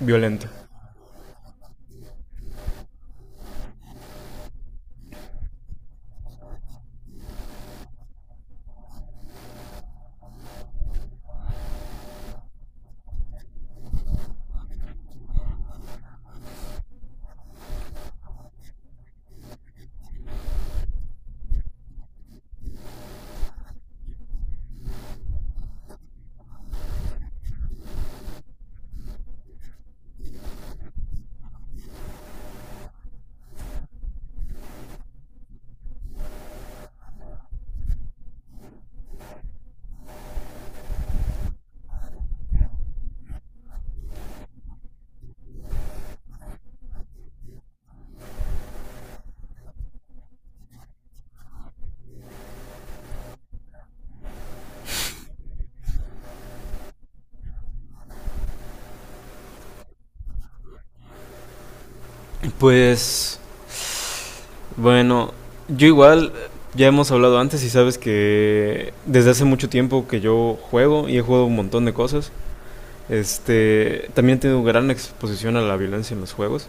Violento? Pues bueno, yo igual ya hemos hablado antes y sabes que desde hace mucho tiempo que yo juego y he jugado un montón de cosas. También tengo gran exposición a la violencia en los juegos,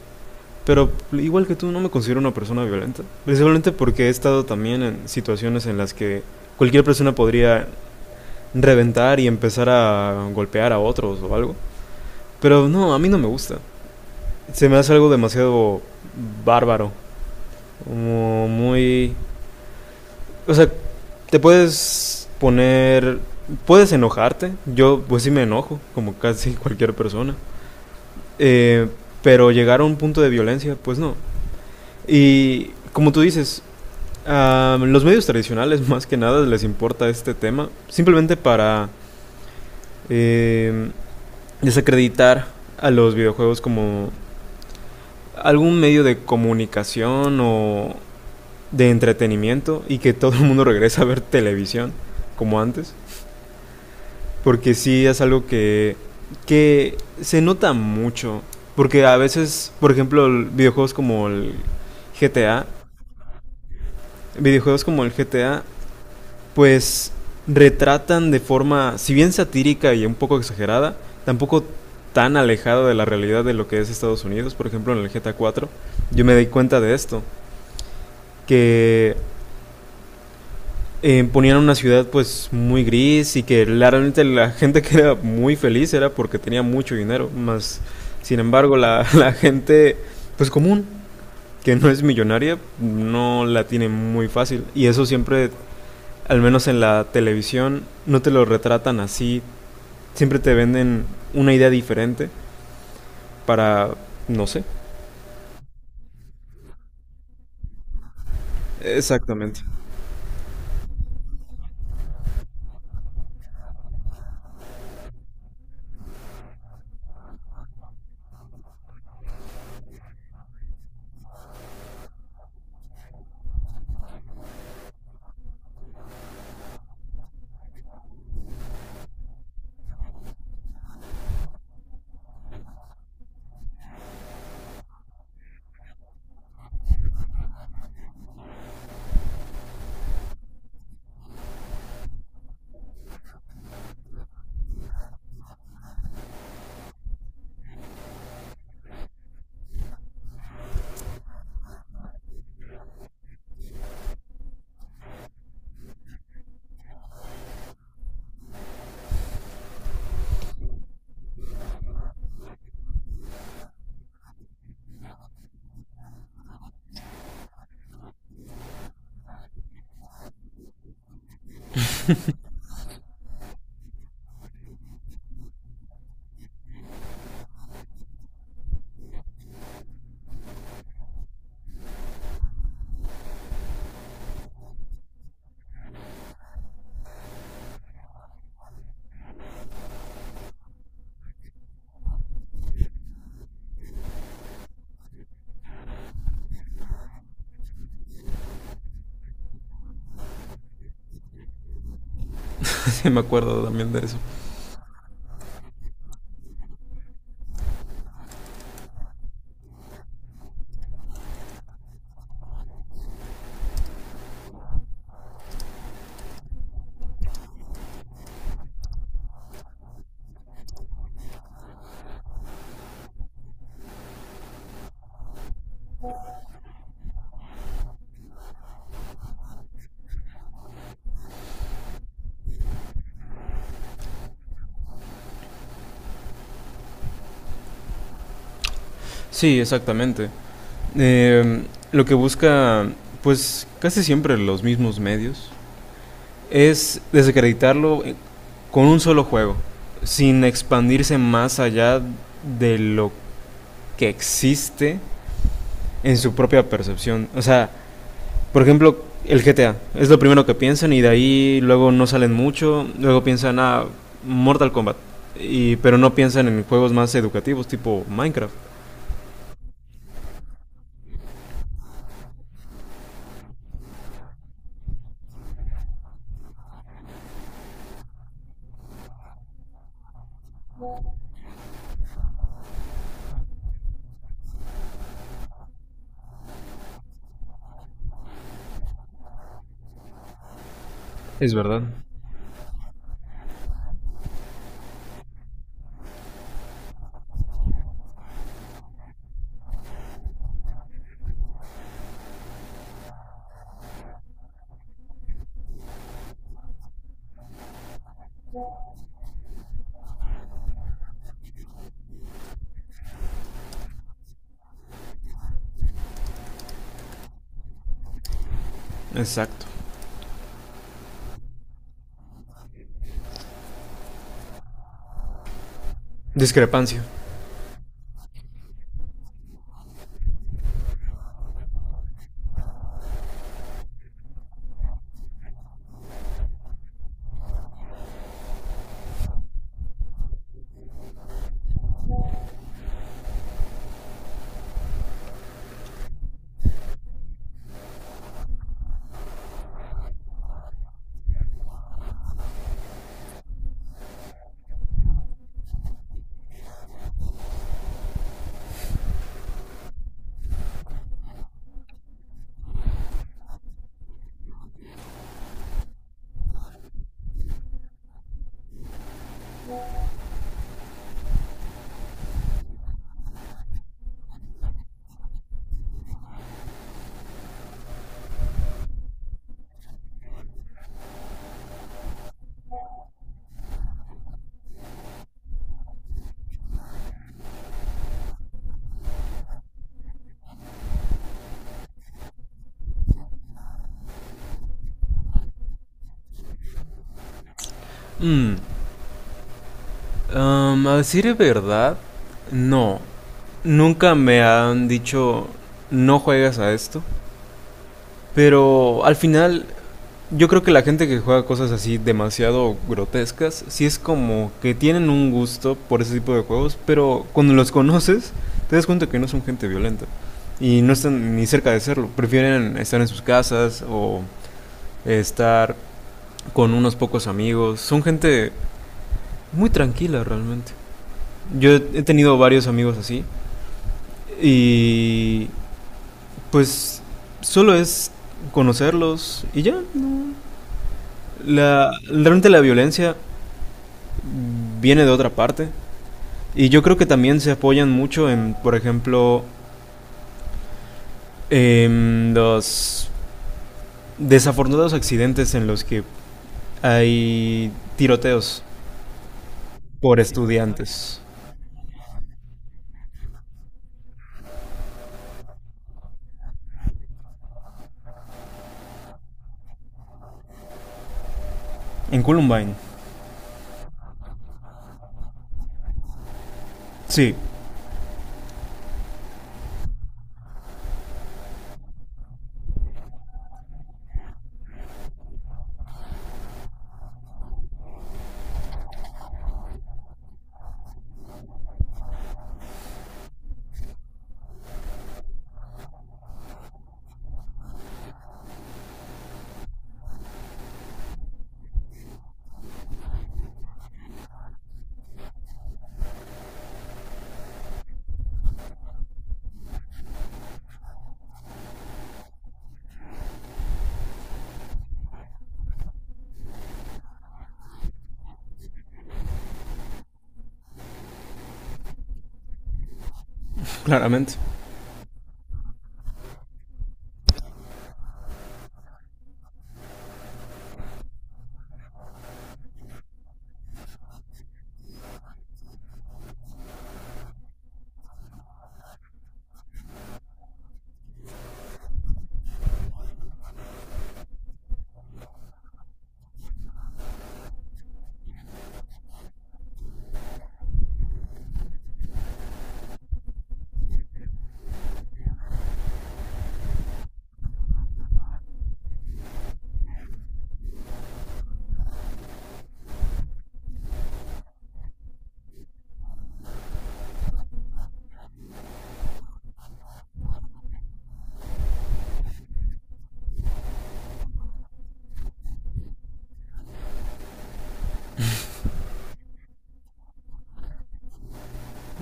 pero igual que tú no me considero una persona violenta, principalmente porque he estado también en situaciones en las que cualquier persona podría reventar y empezar a golpear a otros o algo, pero no, a mí no me gusta. Se me hace algo demasiado bárbaro, como muy... O sea, te puedes poner... Puedes enojarte. Yo pues sí me enojo, como casi cualquier persona. Eh, pero llegar a un punto de violencia, pues no. Y como tú dices, a los medios tradicionales más que nada les importa este tema, simplemente para eh, desacreditar a los videojuegos como algún medio de comunicación o de entretenimiento, y que todo el mundo regrese a ver televisión como antes. Porque sí es algo que se nota mucho. Porque a veces, por ejemplo, videojuegos como el GTA, videojuegos como el GTA, pues retratan de forma, si bien satírica y un poco exagerada, tampoco tan alejada de la realidad de lo que es Estados Unidos. Por ejemplo, en el GTA 4, yo me di cuenta de esto, que ponían una ciudad pues muy gris, y que realmente la gente que era muy feliz era porque tenía mucho dinero. Más sin embargo la gente pues común, que no es millonaria, no la tiene muy fácil, y eso siempre, al menos en la televisión, no te lo retratan así, siempre te venden una idea diferente para, no sé, exactamente. Sí me acuerdo también de eso. Sí, exactamente. eh, lo que busca, pues casi siempre los mismos medios, es desacreditarlo con un solo juego, sin expandirse más allá de lo que existe en su propia percepción. O sea, por ejemplo, el GTA es lo primero que piensan y de ahí luego no salen mucho, luego piensan a ah, Mortal Kombat, y, pero no piensan en juegos más educativos tipo Minecraft. Es verdad. Exacto. Discrepancia. Mm. A decir de verdad, no. Nunca me han dicho no juegas a esto. Pero al final, yo creo que la gente que juega cosas así demasiado grotescas, sí es como que tienen un gusto por ese tipo de juegos, pero cuando los conoces, te das cuenta que no son gente violenta. Y no están ni cerca de serlo. Prefieren estar en sus casas o estar con unos pocos amigos. Son gente muy tranquila realmente. Yo he tenido varios amigos así. Y pues solo es conocerlos y ya. Realmente la violencia viene de otra parte. Y yo creo que también se apoyan mucho en, por ejemplo, en los desafortunados accidentes en los que hay tiroteos por estudiantes. En Columbine. Sí, claramente.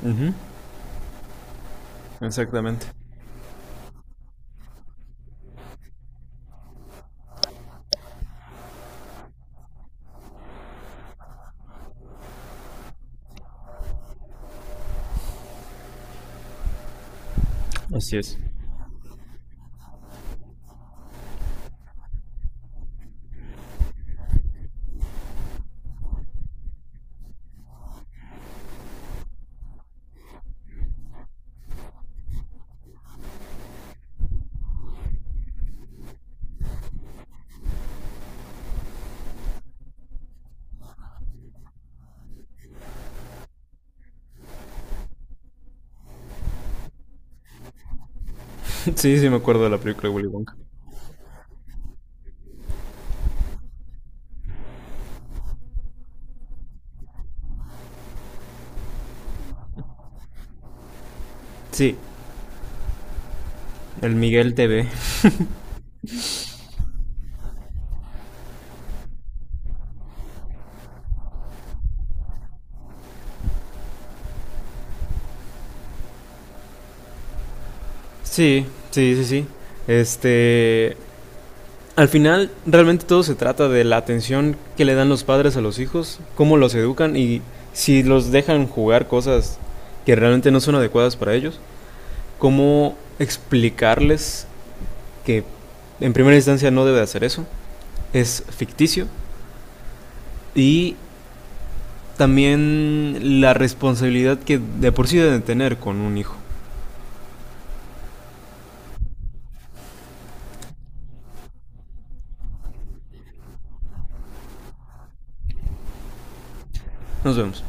Ujú. Exactamente. Así es. Sí, sí me acuerdo de la película de Willy Wonka. Sí, el Miguel TV. Sí, sí, sí, sí. Este, Al final realmente todo se trata de la atención que le dan los padres a los hijos, cómo los educan y si los dejan jugar cosas que realmente no son adecuadas para ellos, cómo explicarles que en primera instancia no debe hacer eso, es ficticio, y también la responsabilidad que de por sí deben tener con un hijo. Nos vemos.